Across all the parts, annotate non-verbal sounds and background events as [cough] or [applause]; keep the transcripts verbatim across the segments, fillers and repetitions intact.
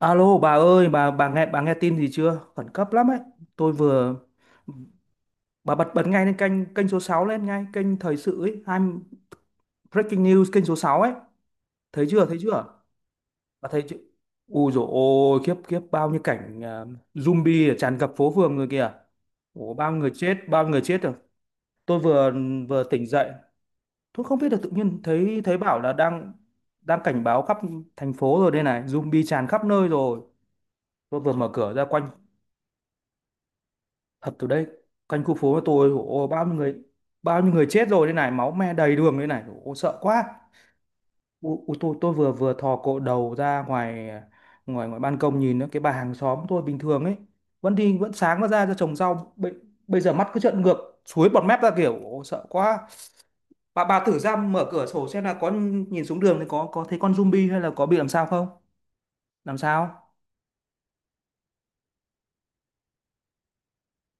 Alo bà ơi, bà bà nghe bà nghe tin gì chưa? Khẩn cấp lắm ấy. Tôi vừa bà bật bật ngay lên kênh kênh số sáu lên ngay, kênh thời sự ấy, hai breaking news kênh số sáu ấy. Thấy chưa? Thấy chưa? Bà thấy chưa? Ui dồi ôi, khiếp khiếp bao nhiêu cảnh à, zombie tràn ngập phố phường người kìa. Ủa bao nhiêu người chết, bao nhiêu người chết rồi. Tôi vừa vừa tỉnh dậy, tôi không biết là tự nhiên thấy thấy bảo là đang đang cảnh báo khắp thành phố rồi đây này, zombie tràn khắp nơi rồi. Tôi vừa mở cửa ra quanh thật từ đấy quanh khu phố của tôi ôi, bao nhiêu người bao nhiêu người chết rồi đây này, máu me đầy đường đây này. Ôi, sợ quá. Ôi, ôi, tôi tôi vừa vừa thò cổ đầu ra ngoài ngoài ngoài ban công nhìn nữa, cái bà hàng xóm tôi bình thường ấy vẫn đi vẫn sáng nó ra cho trồng rau, bây, bây giờ mắt cứ trợn ngược, suối bọt mép ra kiểu. Ôi, sợ quá. Bà bà thử ra mở cửa sổ xem là có nhìn xuống đường thì có có thấy con zombie hay là có bị làm sao không, làm sao.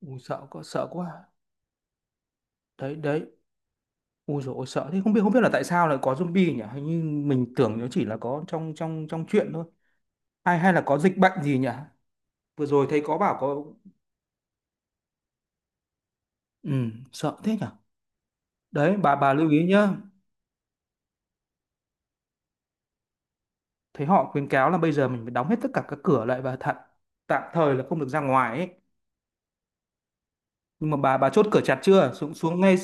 Ôi, sợ quá, sợ quá. Đấy, đấy. Ui dồi ôi, sợ thế. Không biết không biết là tại sao lại có zombie nhỉ? Hình như mình tưởng nó chỉ là có trong trong trong truyện thôi. Hay, hay là có dịch bệnh gì nhỉ? Vừa rồi thấy có bảo có. Ừ, sợ thế nhỉ? Đấy, bà bà lưu ý nhá. Thấy họ khuyến cáo là bây giờ mình phải đóng hết tất cả các cửa lại và thật tạm thời là không được ra ngoài ấy. Nhưng mà bà bà chốt cửa chặt chưa? Xuống xuống ngay.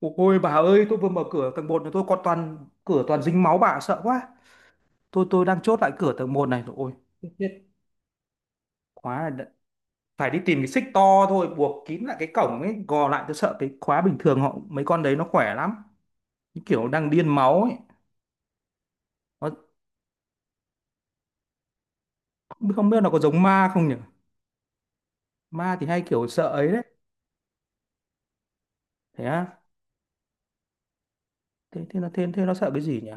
Ôi bà ơi, tôi vừa mở cửa tầng một này, tôi còn toàn cửa toàn dính máu bà, sợ quá. Tôi tôi đang chốt lại cửa tầng một này, rồi. Ôi, chết, chết. Quá là đã- Phải đi tìm cái xích to thôi, buộc kín lại cái cổng ấy, gò lại, tôi sợ cái khóa bình thường họ, mấy con đấy nó khỏe lắm. Những kiểu đang điên máu ấy. Nó, không biết nó có giống ma không nhỉ? Ma thì hay kiểu sợ ấy đấy. Thế á? Thế thế nó thế, thế nó sợ cái gì nhỉ?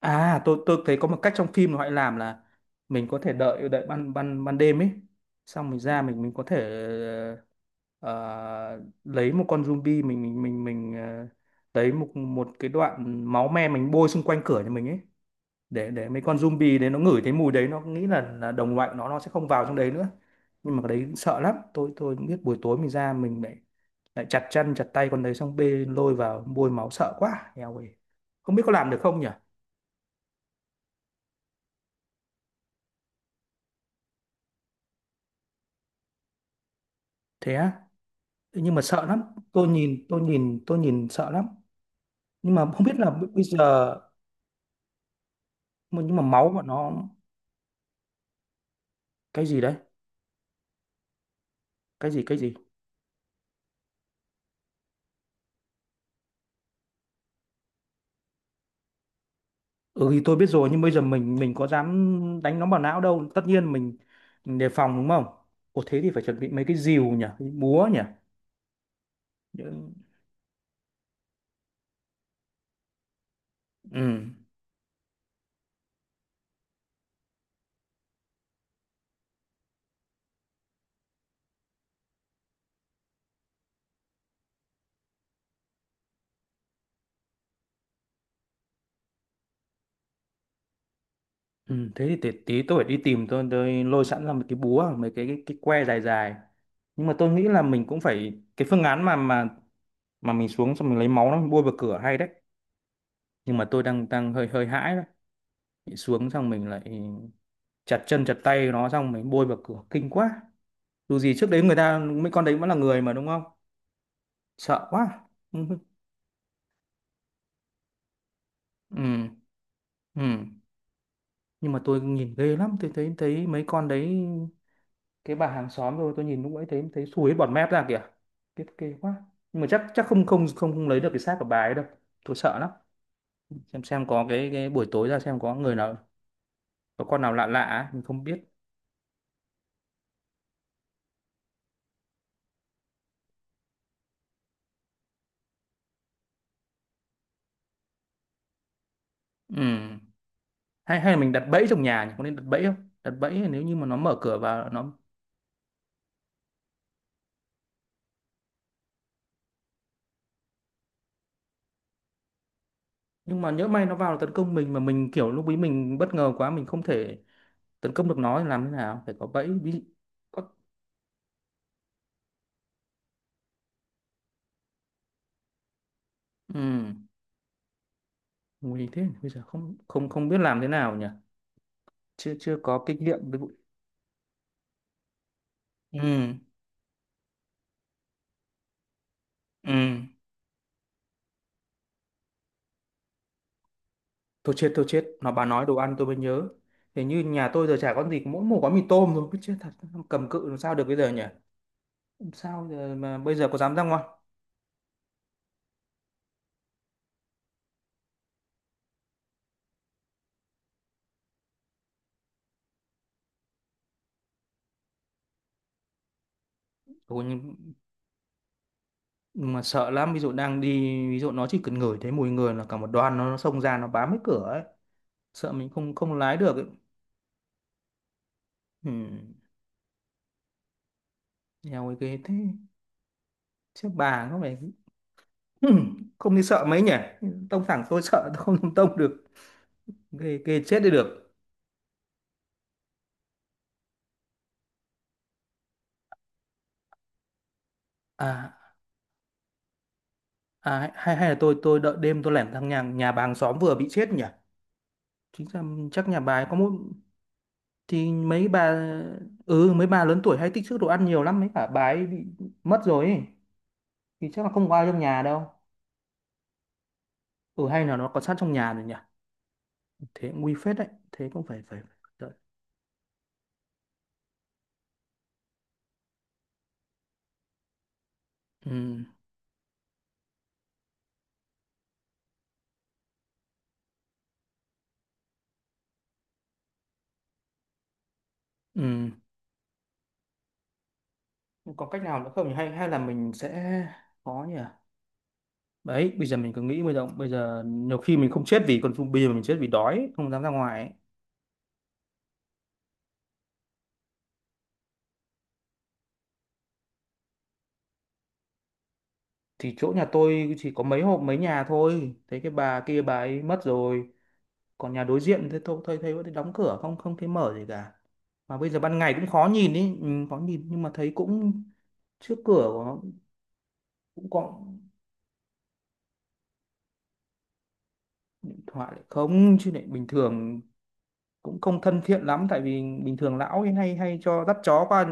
À, tôi tôi thấy có một cách trong phim mà họ làm là mình có thể đợi đợi ban ban ban đêm ấy, xong mình ra, mình mình có thể, ờ, lấy một con zombie, mình mình mình mình ờ, lấy một một cái đoạn máu me mình bôi xung quanh cửa nhà mình ấy, để để mấy con zombie đấy nó ngửi thấy mùi đấy, nó nghĩ là, là đồng loại, nó nó sẽ không vào trong đấy nữa. Nhưng mà cái đấy sợ lắm, tôi tôi biết buổi tối mình ra mình lại lại chặt chân chặt tay con đấy xong bê lôi vào bôi máu, sợ quá, eo ơi. Không biết có làm được không nhỉ? Thế á? Nhưng mà sợ lắm. Tôi nhìn tôi nhìn tôi nhìn sợ lắm. Nhưng mà không biết là, b- bây giờ nhưng mà máu của nó, cái gì đấy, cái gì cái gì. Ừ thì tôi biết rồi, nhưng bây giờ mình mình có dám đánh nó vào não đâu. Tất nhiên mình, mình đề phòng đúng không? Ồ thế thì phải chuẩn bị mấy cái rìu nhỉ, cái búa nhỉ. Những- Ừ. Ừ, thế thì tí, tí tôi phải đi tìm, tôi, tôi lôi sẵn ra một cái búa, mấy cái, cái cái que dài dài. Nhưng mà tôi nghĩ là mình cũng phải cái phương án mà mà mà mình xuống xong mình lấy máu nó bôi vào cửa, hay đấy. Nhưng mà tôi đang đang hơi hơi hãi đấy. Mình xuống xong mình lại chặt chân chặt tay nó xong mình bôi vào cửa, kinh quá. Dù gì trước đấy người ta, mấy con đấy vẫn là người mà đúng không? Sợ quá. Ừ. Ừ, ừ. Nhưng mà tôi nhìn ghê lắm, tôi thấy thấy mấy con đấy, cái bà hàng xóm rồi, tôi nhìn lúc ấy thấy thấy sùi hết bọt mép ra kìa. Ghê, ghê quá. Nhưng mà chắc, chắc không không không không lấy được cái xác của bà ấy đâu, tôi sợ lắm. Xem xem có cái, cái buổi tối ra xem có người nào, có con nào lạ lạ ấy, mình không biết. Ừ, hay, hay là mình đặt bẫy trong nhà nhỉ? Có nên đặt bẫy không? Đặt bẫy nếu như mà nó mở cửa vào nó. Nhưng mà nhỡ may nó vào tấn công mình, mà mình kiểu lúc ấy mình bất ngờ quá mình không thể tấn công được nó thì làm thế nào, phải có bẫy ví. Có. Ừ, nguy thế, bây giờ không không không biết làm thế nào nhỉ. Chưa chưa có kinh nghiệm với vụ. Ừ, ừ. Tôi chết thôi, chết nó, bà nói đồ ăn tôi mới nhớ, hình như nhà tôi giờ chả có gì, mỗi một gói mì tôm thôi, cứ chết thật. Cầm cự làm sao được bây giờ nhỉ? Làm sao giờ mà bây giờ có dám ra ngoài. Ôi, nhưng nhưng mà sợ lắm, ví dụ đang đi, ví dụ nó chỉ cần ngửi thấy mùi người là cả một đoàn nó, nó xông ra nó bám hết cửa ấy. Sợ mình không không lái được ấy. Ừ. Eo ơi, ghê thế, chứ bà có phải. [laughs] Ừm, không đi sợ mấy nhỉ, tông thẳng tôi sợ tôi không làm tông được. Ghê, ghê chết đi được. À, à hay, hay là tôi tôi đợi đêm tôi lẻn sang nhà nhà bà hàng xóm vừa bị chết nhỉ, chính ra chắc nhà bà ấy có một. Thì mấy bà, ừ, mấy bà lớn tuổi hay tích trữ đồ ăn nhiều lắm, mấy cả bà ấy bị mất rồi ấy, thì chắc là không có ai trong nhà đâu. Ừ, hay là nó có sát trong nhà rồi nhỉ? Thế cũng nguy phết đấy. Thế cũng phải, phải phải đợi. Ừ, ừ. Có cách nào nữa không nhỉ? Hay, hay là mình sẽ có nhỉ. Đấy, bây giờ mình cứ nghĩ bây giờ, bây giờ nhiều khi mình không chết vì con, bây giờ mình chết vì đói không dám ra ngoài ấy. Thì chỗ nhà tôi chỉ có mấy hộp, mấy nhà thôi, thấy cái bà kia bà ấy mất rồi, còn nhà đối diện thế tôi thấy thấy vẫn đóng cửa, không không thấy mở gì cả. Mà bây giờ ban ngày cũng khó nhìn ý, ừ, khó nhìn, nhưng mà thấy cũng trước cửa của cũng có. Điện thoại lại không chứ, lại bình thường cũng không thân thiện lắm, tại vì bình thường lão ấy hay hay cho dắt chó qua.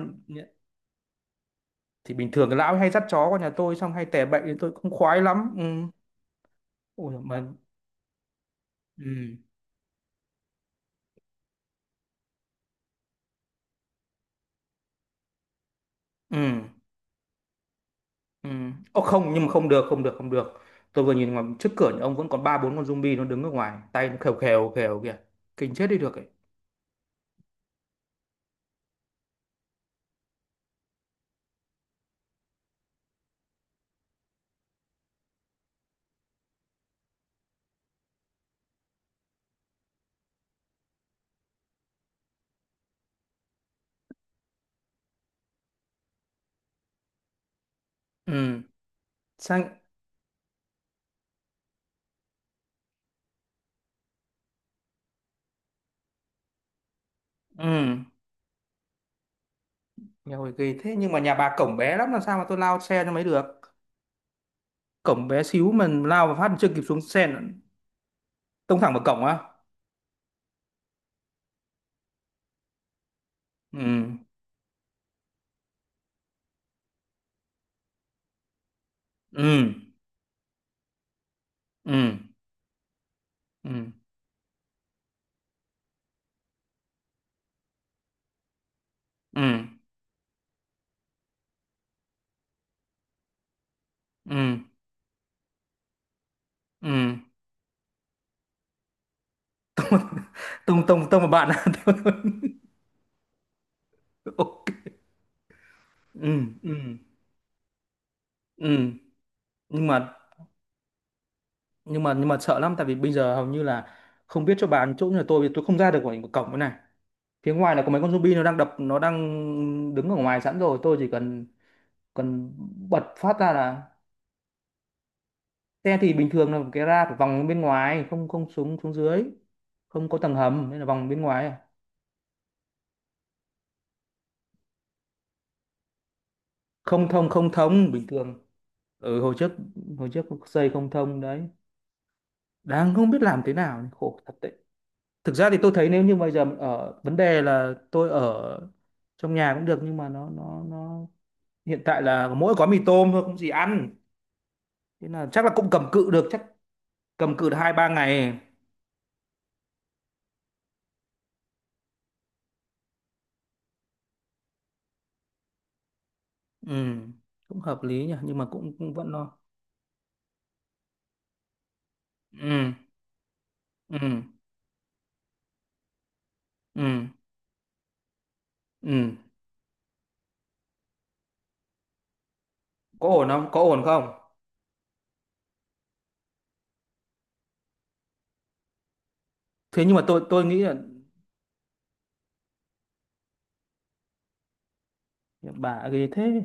Thì bình thường cái lão ấy hay dắt chó qua nhà tôi xong hay tè bậy, thì tôi cũng khoái lắm. Ừ. Ôi mà. Ừ. Ừ, ừ. Ô, không, nhưng mà không được, không được, không được, tôi vừa nhìn ngoài trước cửa nhà ông vẫn còn ba bốn con zombie, nó đứng ở ngoài, tay nó khều khều khều kìa, kinh chết đi được ấy. Ừ, sang. Ừ, nhà hồi kỳ thế, nhưng mà nhà bà cổng bé lắm, làm sao mà tôi lao xe nó mới được, cổng bé xíu mà lao và phát chưa kịp xuống xe nó. Tông thẳng vào cổng á? Ừ, ừ, ừ, ừ, ừ, ừ, ừ. Ừ. Tông tông tông một bạn. [laughs] Ok. Ừ, ừ, ừ, nhưng mà nhưng mà nhưng mà sợ lắm, tại vì bây giờ hầu như là không biết cho bạn chỗ nhà tôi vì tôi không ra được khỏi cái cổng cái này, phía ngoài là có mấy con zombie nó đang đập, nó đang đứng ở ngoài sẵn rồi, tôi chỉ cần cần bật phát ra là. Xe thì bình thường là cái ra phải vòng bên ngoài, không không xuống, xuống dưới không có tầng hầm nên là vòng bên ngoài à. không thông không thông bình thường. Ừ, hồi trước, hồi trước xây không thông đấy. Đang không biết làm thế nào, khổ thật. Thực ra thì tôi thấy nếu như bây giờ ở, vấn đề là tôi ở trong nhà cũng được, nhưng mà nó nó nó hiện tại là mỗi gói mì tôm thôi, không gì ăn, thế là chắc là cũng cầm cự được, chắc cầm cự được hai ba ngày. Ừ, cũng hợp lý nhỉ, nhưng mà cũng, cũng vẫn lo. Ừ, ừ, ừ, ừ, có ổn không, có ổn không? Thế nhưng mà tôi tôi nghĩ là bà ghê thế.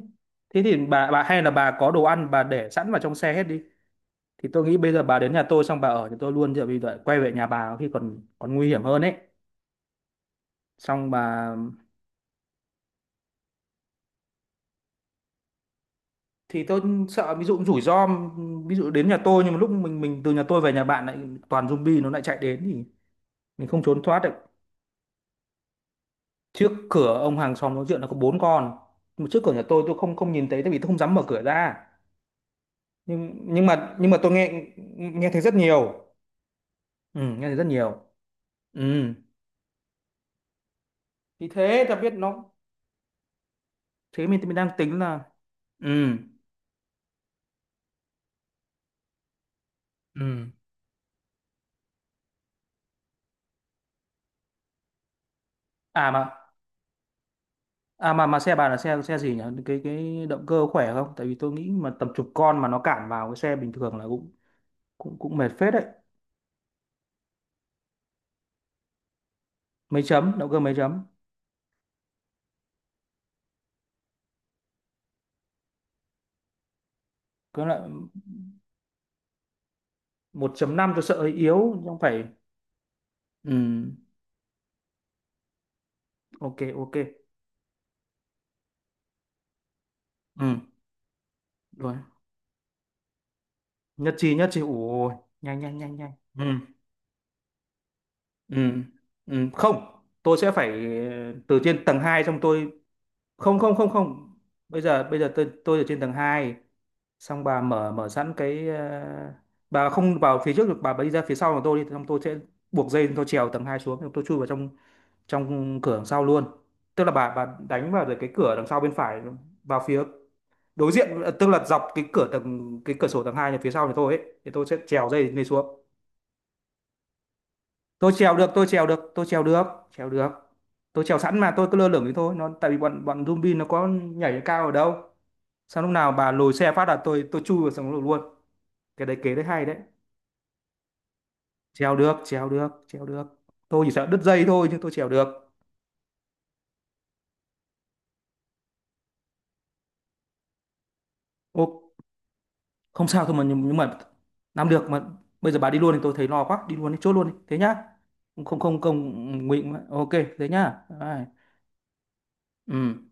Thế thì bà bà hay là bà có đồ ăn bà để sẵn vào trong xe hết đi, thì tôi nghĩ bây giờ bà đến nhà tôi xong bà ở thì tôi luôn, chứ bây giờ quay về nhà bà khi còn, còn nguy hiểm hơn ấy. Xong bà, thì tôi sợ ví dụ rủi ro, ví dụ đến nhà tôi nhưng mà lúc mình mình từ nhà tôi về nhà bạn lại toàn zombie, nó lại chạy đến thì mình không trốn thoát được. Trước cửa ông hàng xóm nói chuyện là có bốn con, mà trước cửa nhà tôi tôi không không nhìn thấy tại vì tôi không dám mở cửa ra. Nhưng, nhưng mà nhưng mà tôi nghe, nghe thấy rất nhiều. Ừ, nghe thấy rất nhiều. Ừ. Thì thế ta biết nó. Thế mình mình đang tính là. Ừ, ừ. À mà, à mà mà xe bà là xe xe gì nhỉ? Cái cái động cơ khỏe không? Tại vì tôi nghĩ mà tầm chục con mà nó cản vào cái xe bình thường là cũng cũng cũng mệt phết đấy. Mấy chấm, động cơ mấy chấm? Cứ lại một chấm năm tôi sợ hơi yếu, chứ không phải. Ừ, ok ok. Ừ, rồi. Nhất trí, nhất trí. Ủa, nhanh nhanh nhanh nhanh. Ừ, ừ, ừ. Không, tôi sẽ phải, ờ, từ trên tầng hai xong tôi, không không không không. Bây giờ, bây giờ tôi tôi ở trên tầng hai xong bà mở mở sẵn cái, ờ, bà không vào phía trước được, bà đi ra phía sau của tôi đi, xong tôi sẽ buộc dây tôi trèo tầng hai xuống xong tôi chui vào trong trong cửa đằng sau luôn. Tức là bà bà đánh vào được cái cửa đằng sau bên phải, vào phía đối diện, ờ, tức là dọc cái cửa tầng, cái cửa sổ tầng hai nhà phía sau nhà tôi ấy, thì tôi sẽ trèo dây lên xuống. Tôi trèo được tôi trèo được tôi trèo được, trèo được. Tôi trèo sẵn mà tôi cứ lơ lửng thế thôi, nó tại vì bọn bọn zombie nó có nhảy cao ở đâu. Sao lúc nào bà lùi xe phát là tôi tôi chui vào sống lùi luôn, cái đấy kế đấy hay đấy. Treo được treo được treo được, tôi chỉ sợ đứt dây thôi, nhưng tôi trèo được. Ô, không sao thôi mà, nhưng, nhưng mà làm được mà, bây giờ bà đi luôn thì tôi thấy lo quá, đi luôn đi, chốt luôn đi thế nhá. Không, không, không, không nguy. Ok, thế nhá. Bye. Ừ.